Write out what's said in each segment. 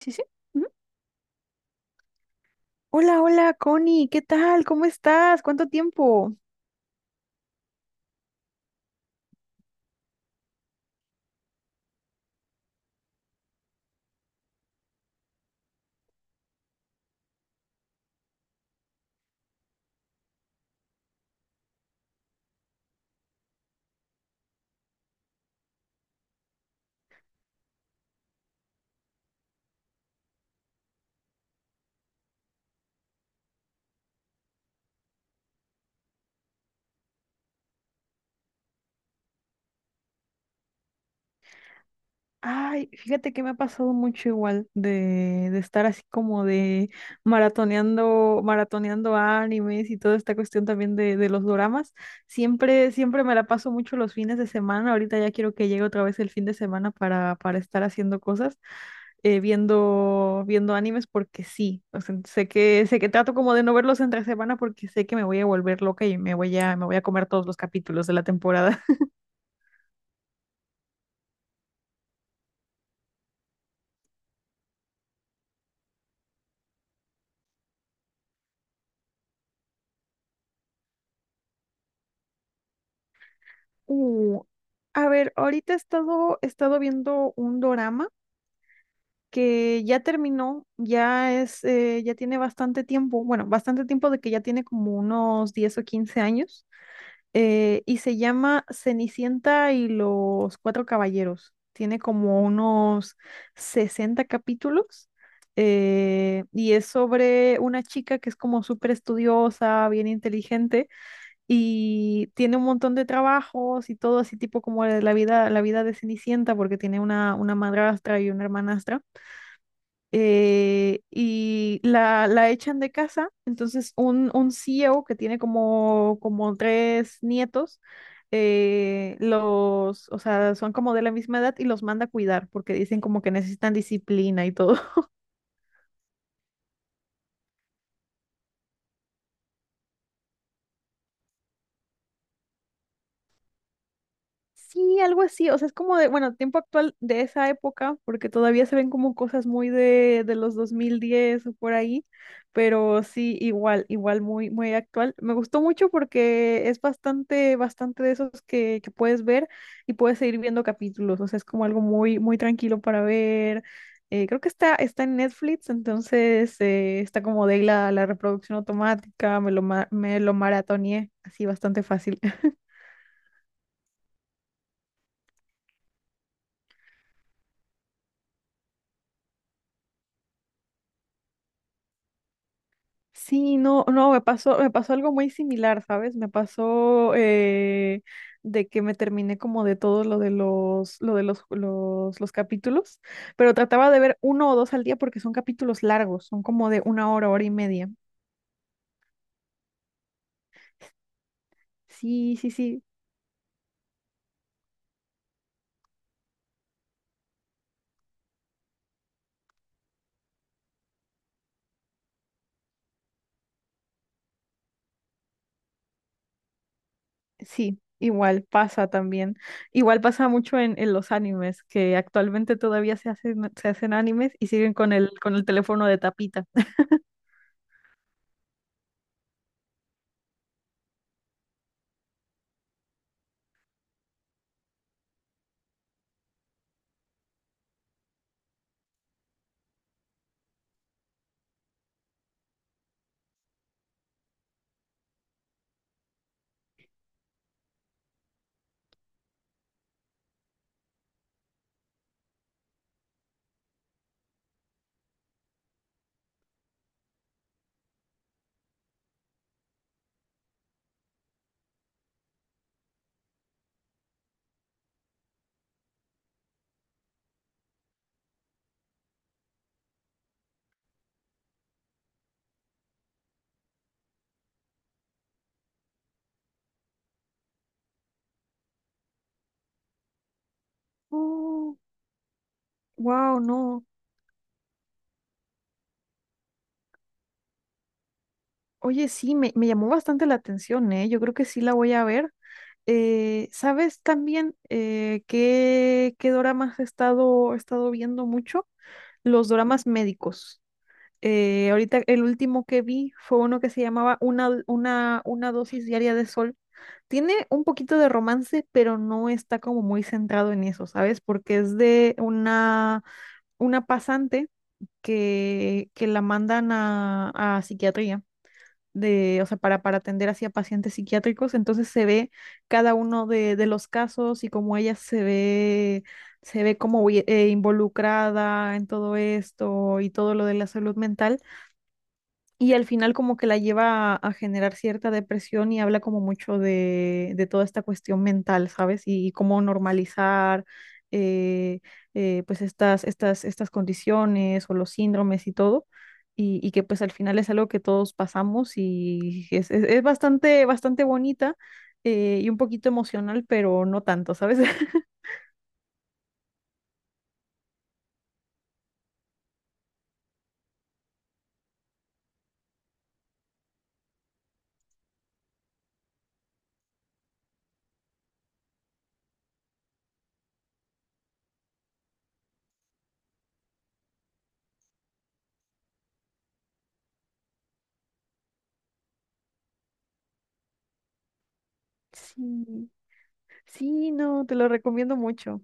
Sí, sí. Ujú. Hola, hola, Connie, ¿qué tal? ¿Cómo estás? ¿Cuánto tiempo? Ay, fíjate que me ha pasado mucho igual de estar así como de maratoneando, maratoneando animes y toda esta cuestión también de los doramas. Siempre, siempre me la paso mucho los fines de semana. Ahorita ya quiero que llegue otra vez el fin de semana para estar haciendo cosas, viendo, viendo animes porque sí. O sea, sé que trato como de no verlos entre semana porque sé que me voy a volver loca y me voy a comer todos los capítulos de la temporada. Uh, a ver, ahorita he estado viendo un dorama que ya terminó, ya es, ya tiene bastante tiempo, bueno, bastante tiempo de que ya tiene como unos 10 o 15 años, y se llama Cenicienta y los Cuatro Caballeros. Tiene como unos 60 capítulos, y es sobre una chica que es como súper estudiosa, bien inteligente y tiene un montón de trabajos y todo así tipo como la vida, la vida de Cenicienta porque tiene una madrastra y una hermanastra. La echan de casa, entonces un CEO que tiene como, como tres nietos, o sea, son como de la misma edad y los manda a cuidar porque dicen como que necesitan disciplina y todo. Sí, algo así, o sea, es como de, bueno, tiempo actual de esa época, porque todavía se ven como cosas muy de los 2010 o por ahí, pero sí, igual, igual muy, muy actual. Me gustó mucho porque es bastante, bastante de esos que puedes ver y puedes seguir viendo capítulos, o sea, es como algo muy, muy tranquilo para ver. Creo que está, está en Netflix, entonces está como de ahí la reproducción automática, me lo maratoneé así bastante fácil. Sí, no, no, me pasó algo muy similar, ¿sabes? Me pasó de que me terminé como de todo lo de los capítulos, pero trataba de ver uno o dos al día porque son capítulos largos, son como de una hora, hora y media. Sí, sí, sí, sí, igual pasa también. Igual pasa mucho en los animes, que actualmente todavía se hacen animes y siguen con con el teléfono de tapita. Oh, wow, no. Oye, sí, me llamó bastante la atención, ¿eh? Yo creo que sí la voy a ver. ¿Sabes también qué, qué doramas he estado viendo mucho? Los doramas médicos. Ahorita el último que vi fue uno que se llamaba una dosis diaria de sol. Tiene un poquito de romance, pero no está como muy centrado en eso, ¿sabes? Porque es de una pasante que la mandan a psiquiatría de, o sea, para atender hacia pacientes psiquiátricos, entonces se ve cada uno de los casos y cómo ella se ve como involucrada en todo esto y todo lo de la salud mental. Y al final como que la lleva a generar cierta depresión y habla como mucho de toda esta cuestión mental, ¿sabes? Y cómo normalizar eh, pues estas condiciones o los síndromes y todo. Y que pues al final es algo que todos pasamos y es bastante, bastante bonita, y un poquito emocional, pero no tanto, ¿sabes? Sí, sí, no, te lo recomiendo mucho.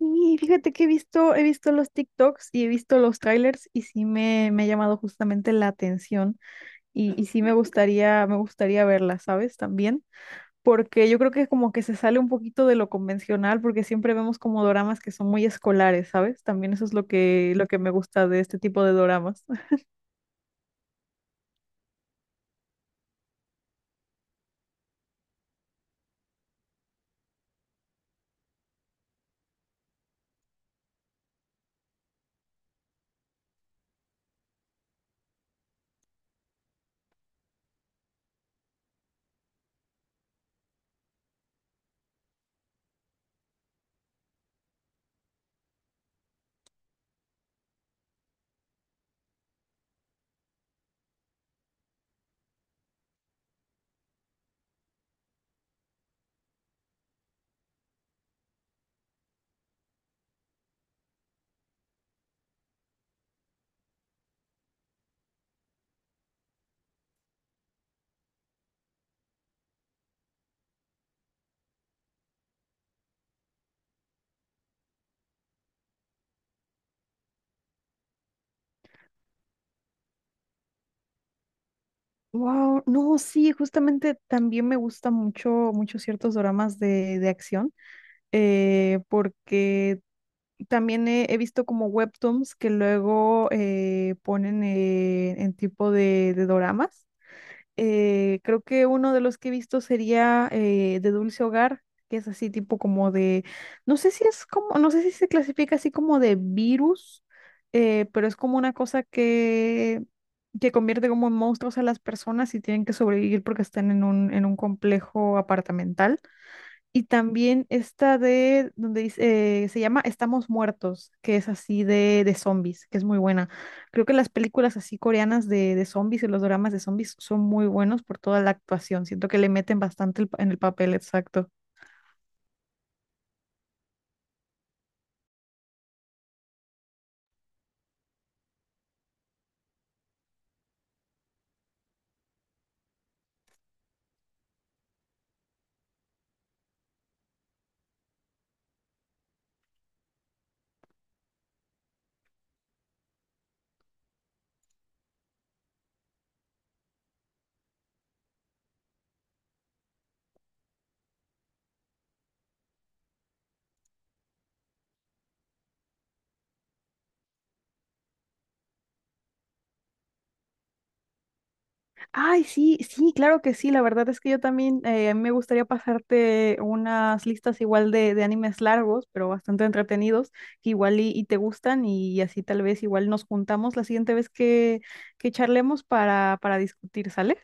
Y fíjate que he visto los TikToks y he visto los trailers y sí me ha llamado justamente la atención y sí me gustaría verla, ¿sabes? También, porque yo creo que como que se sale un poquito de lo convencional, porque siempre vemos como doramas que son muy escolares, ¿sabes? También eso es lo que me gusta de este tipo de doramas. Wow, no, sí, justamente también me gustan mucho, mucho ciertos dramas de acción, porque también he, he visto como webtoons que luego ponen en tipo de doramas. Creo que uno de los que he visto sería de Dulce Hogar, que es así tipo como de, no sé si es como, no sé si se clasifica así como de virus, pero es como una cosa que convierte como en monstruos a las personas y tienen que sobrevivir porque están en un complejo apartamental. Y también esta de, donde dice, se llama Estamos Muertos, que es así de zombies, que es muy buena. Creo que las películas así coreanas de zombies y los dramas de zombies son muy buenos por toda la actuación. Siento que le meten bastante en el papel, exacto. Ay, sí, sí, claro que sí. La verdad es que yo también, me gustaría pasarte unas listas igual de animes largos, pero bastante entretenidos, que igual y te gustan y así tal vez igual nos juntamos la siguiente vez que charlemos para discutir, ¿sale?